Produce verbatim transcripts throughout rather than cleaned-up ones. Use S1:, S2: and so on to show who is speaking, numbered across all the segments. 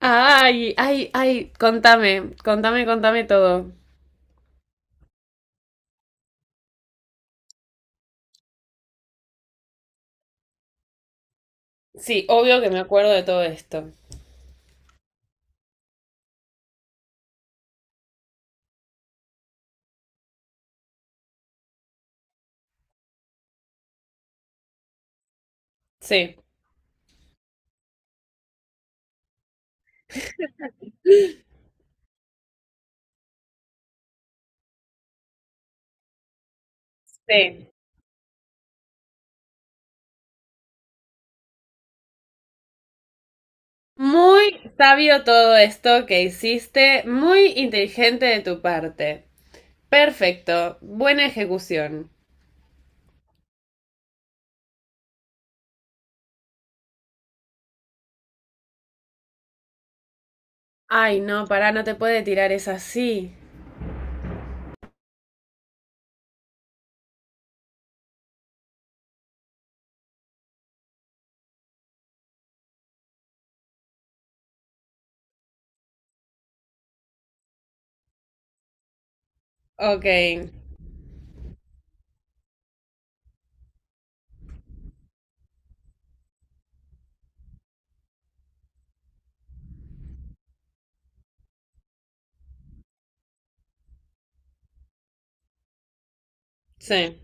S1: Ay, ay, ay, contame, contame, contame todo. Sí, obvio que me acuerdo de todo esto. Sí, sí. Muy sabio todo esto que hiciste, muy inteligente de tu parte. Perfecto, buena ejecución. Ay, no, pará, no te puede tirar es así. Ok, sí,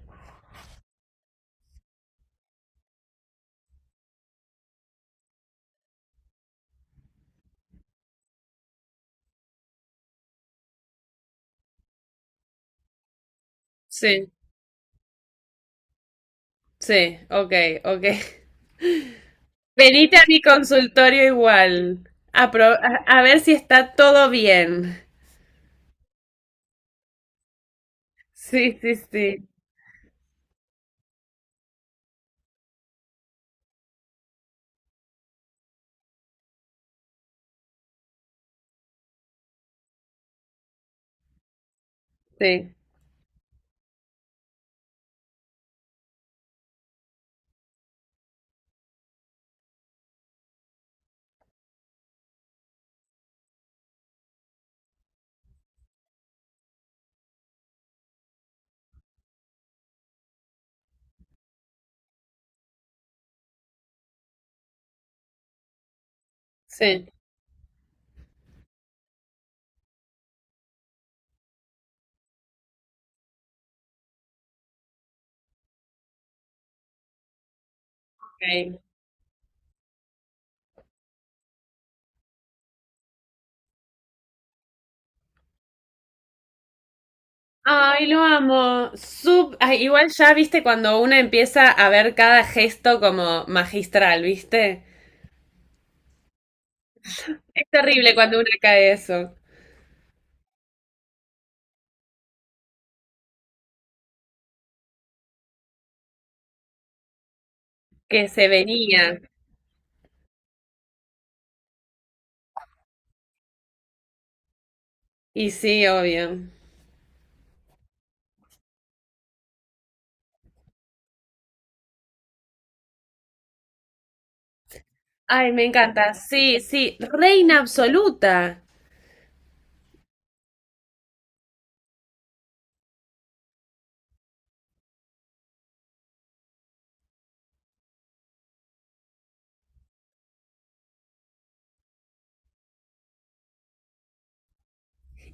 S1: sí, sí, ok, ok. Venite a mi consultorio igual, a, pro- a a ver si está todo bien. Sí, sí, sí. Sí, sí. Ok. Ay, lo amo. Sub, ay, igual ya viste cuando una empieza a ver cada gesto como magistral, ¿viste? Es terrible cuando una cae eso, que se venía. Y sí, obvio. Ay, me encanta. Sí, sí, reina absoluta.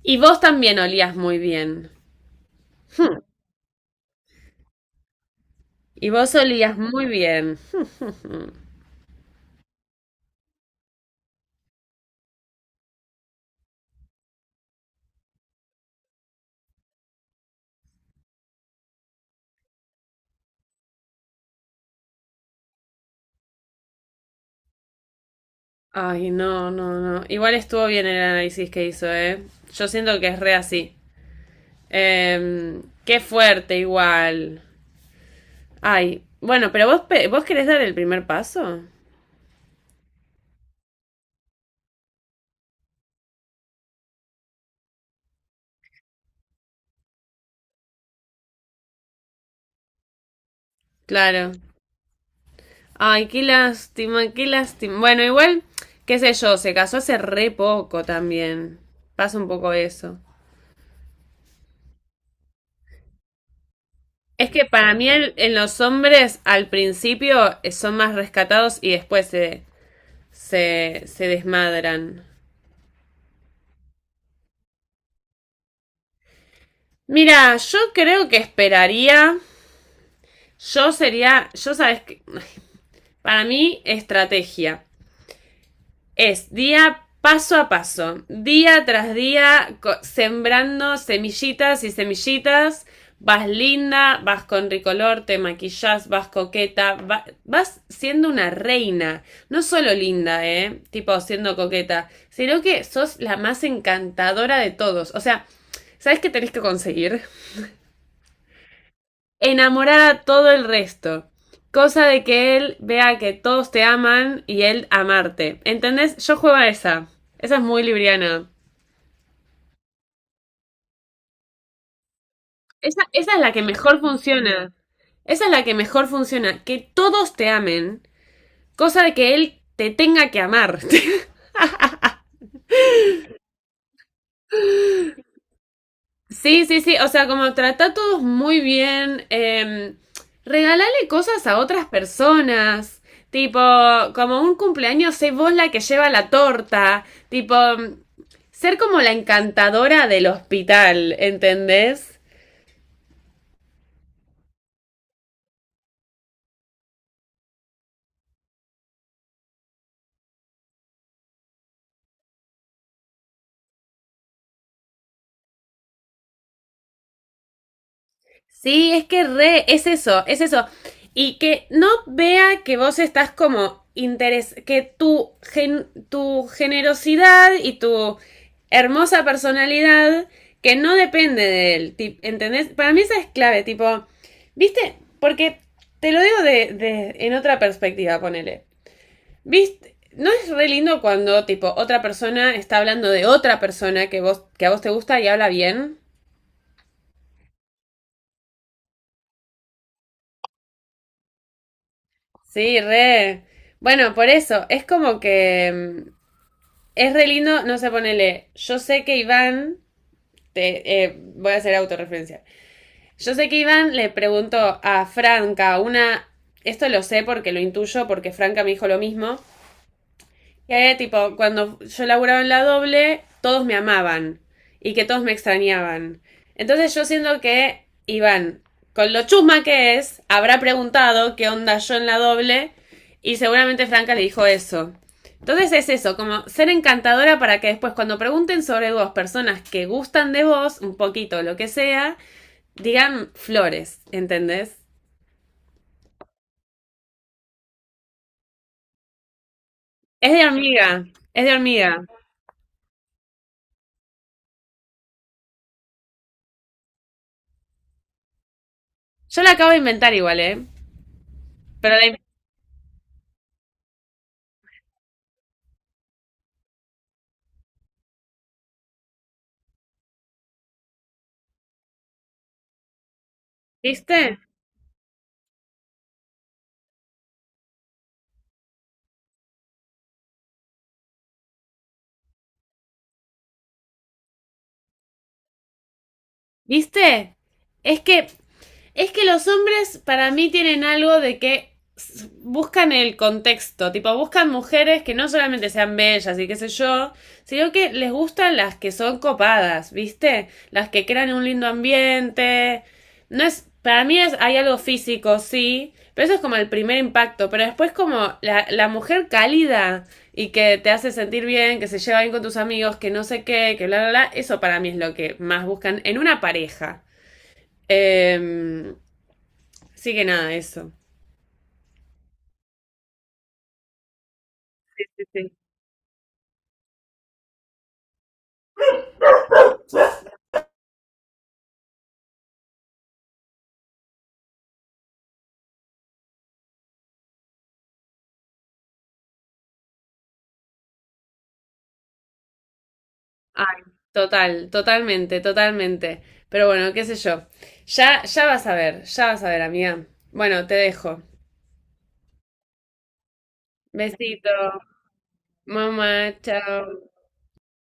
S1: Y vos también olías muy bien. Hmm. Y vos olías muy bien. Ay, no, no, no. Igual estuvo bien el análisis que hizo, ¿eh? Yo siento que es re así. Eh, qué fuerte igual. Ay, bueno, pero vos, pe- vos querés dar el primer paso. Claro. Ay, qué lástima, qué lástima. Bueno, igual, qué sé yo, se casó hace re poco también. Pasa un poco eso. Es que para mí el- en los hombres al principio eh, son más rescatados y después se, se, se desmadran. Mira, yo creo que esperaría. Yo sería, yo sabes que, para mí, estrategia. Es día paso a paso, día tras día, sembrando semillitas y semillitas. Vas linda, vas con ricolor, te maquillas, vas coqueta, va- vas siendo una reina. No solo linda, ¿eh? Tipo siendo coqueta, sino que sos la más encantadora de todos. O sea, ¿sabes qué tenés que conseguir? Enamorar a todo el resto. Cosa de que él vea que todos te aman y él amarte. ¿Entendés? Yo juego a esa. Esa es muy libriana. Esa, esa es la que mejor funciona. Esa es la que mejor funciona. Que todos te amen. Cosa de que él te tenga que amar. Sí, sí, sí, o sea, como trata a todos muy bien, eh, regalale cosas a otras personas, tipo, como un cumpleaños, sé vos la que lleva la torta, tipo, ser como la encantadora del hospital, ¿entendés? Sí, es que re, es eso, es eso. Y que no vea que vos estás como interes, que tu, gen- tu generosidad y tu hermosa personalidad, que no depende de él, ti- ¿entendés? Para mí esa es clave, tipo, ¿viste? Porque te lo digo de, de- en otra perspectiva, ponele. ¿Viste? ¿No es re lindo cuando, tipo, otra persona está hablando de otra persona que vos, que a vos te gusta y habla bien? Sí, re. Bueno, por eso, es como que mm, es re lindo, no sé, ponele, yo sé que Iván, te, eh, voy a hacer autorreferencia, yo sé que Iván le preguntó a Franca una, esto lo sé porque lo intuyo, porque Franca me dijo lo mismo, y había tipo, cuando yo laburaba en la doble, todos me amaban y que todos me extrañaban. Entonces yo siento que Iván, con lo chusma que es, habrá preguntado qué onda yo en la doble y seguramente Franca le dijo eso. Entonces es eso, como ser encantadora para que después cuando pregunten sobre dos personas que gustan de vos, un poquito, lo que sea, digan flores, ¿entendés? Es de hormiga, es de hormiga. Yo la acabo de inventar igual, ¿eh? Pero la... ¿Viste? ¿Viste? Es que, es que los hombres para mí tienen algo de que s- buscan el contexto, tipo, buscan mujeres que no solamente sean bellas y qué sé yo, sino que les gustan las que son copadas, ¿viste? Las que crean un lindo ambiente. No es, para mí es, hay algo físico, sí, pero eso es como el primer impacto, pero después como la, la mujer cálida y que te hace sentir bien, que se lleva bien con tus amigos, que no sé qué, que bla, bla, bla. Eso para mí es lo que más buscan en una pareja. Eh, sí que nada, eso. Sí, sí. Ay, total, totalmente, totalmente. Pero bueno, qué sé yo. Ya, ya vas a ver, ya vas a ver, amiga. Bueno, te dejo. Besito. Mamá, chao.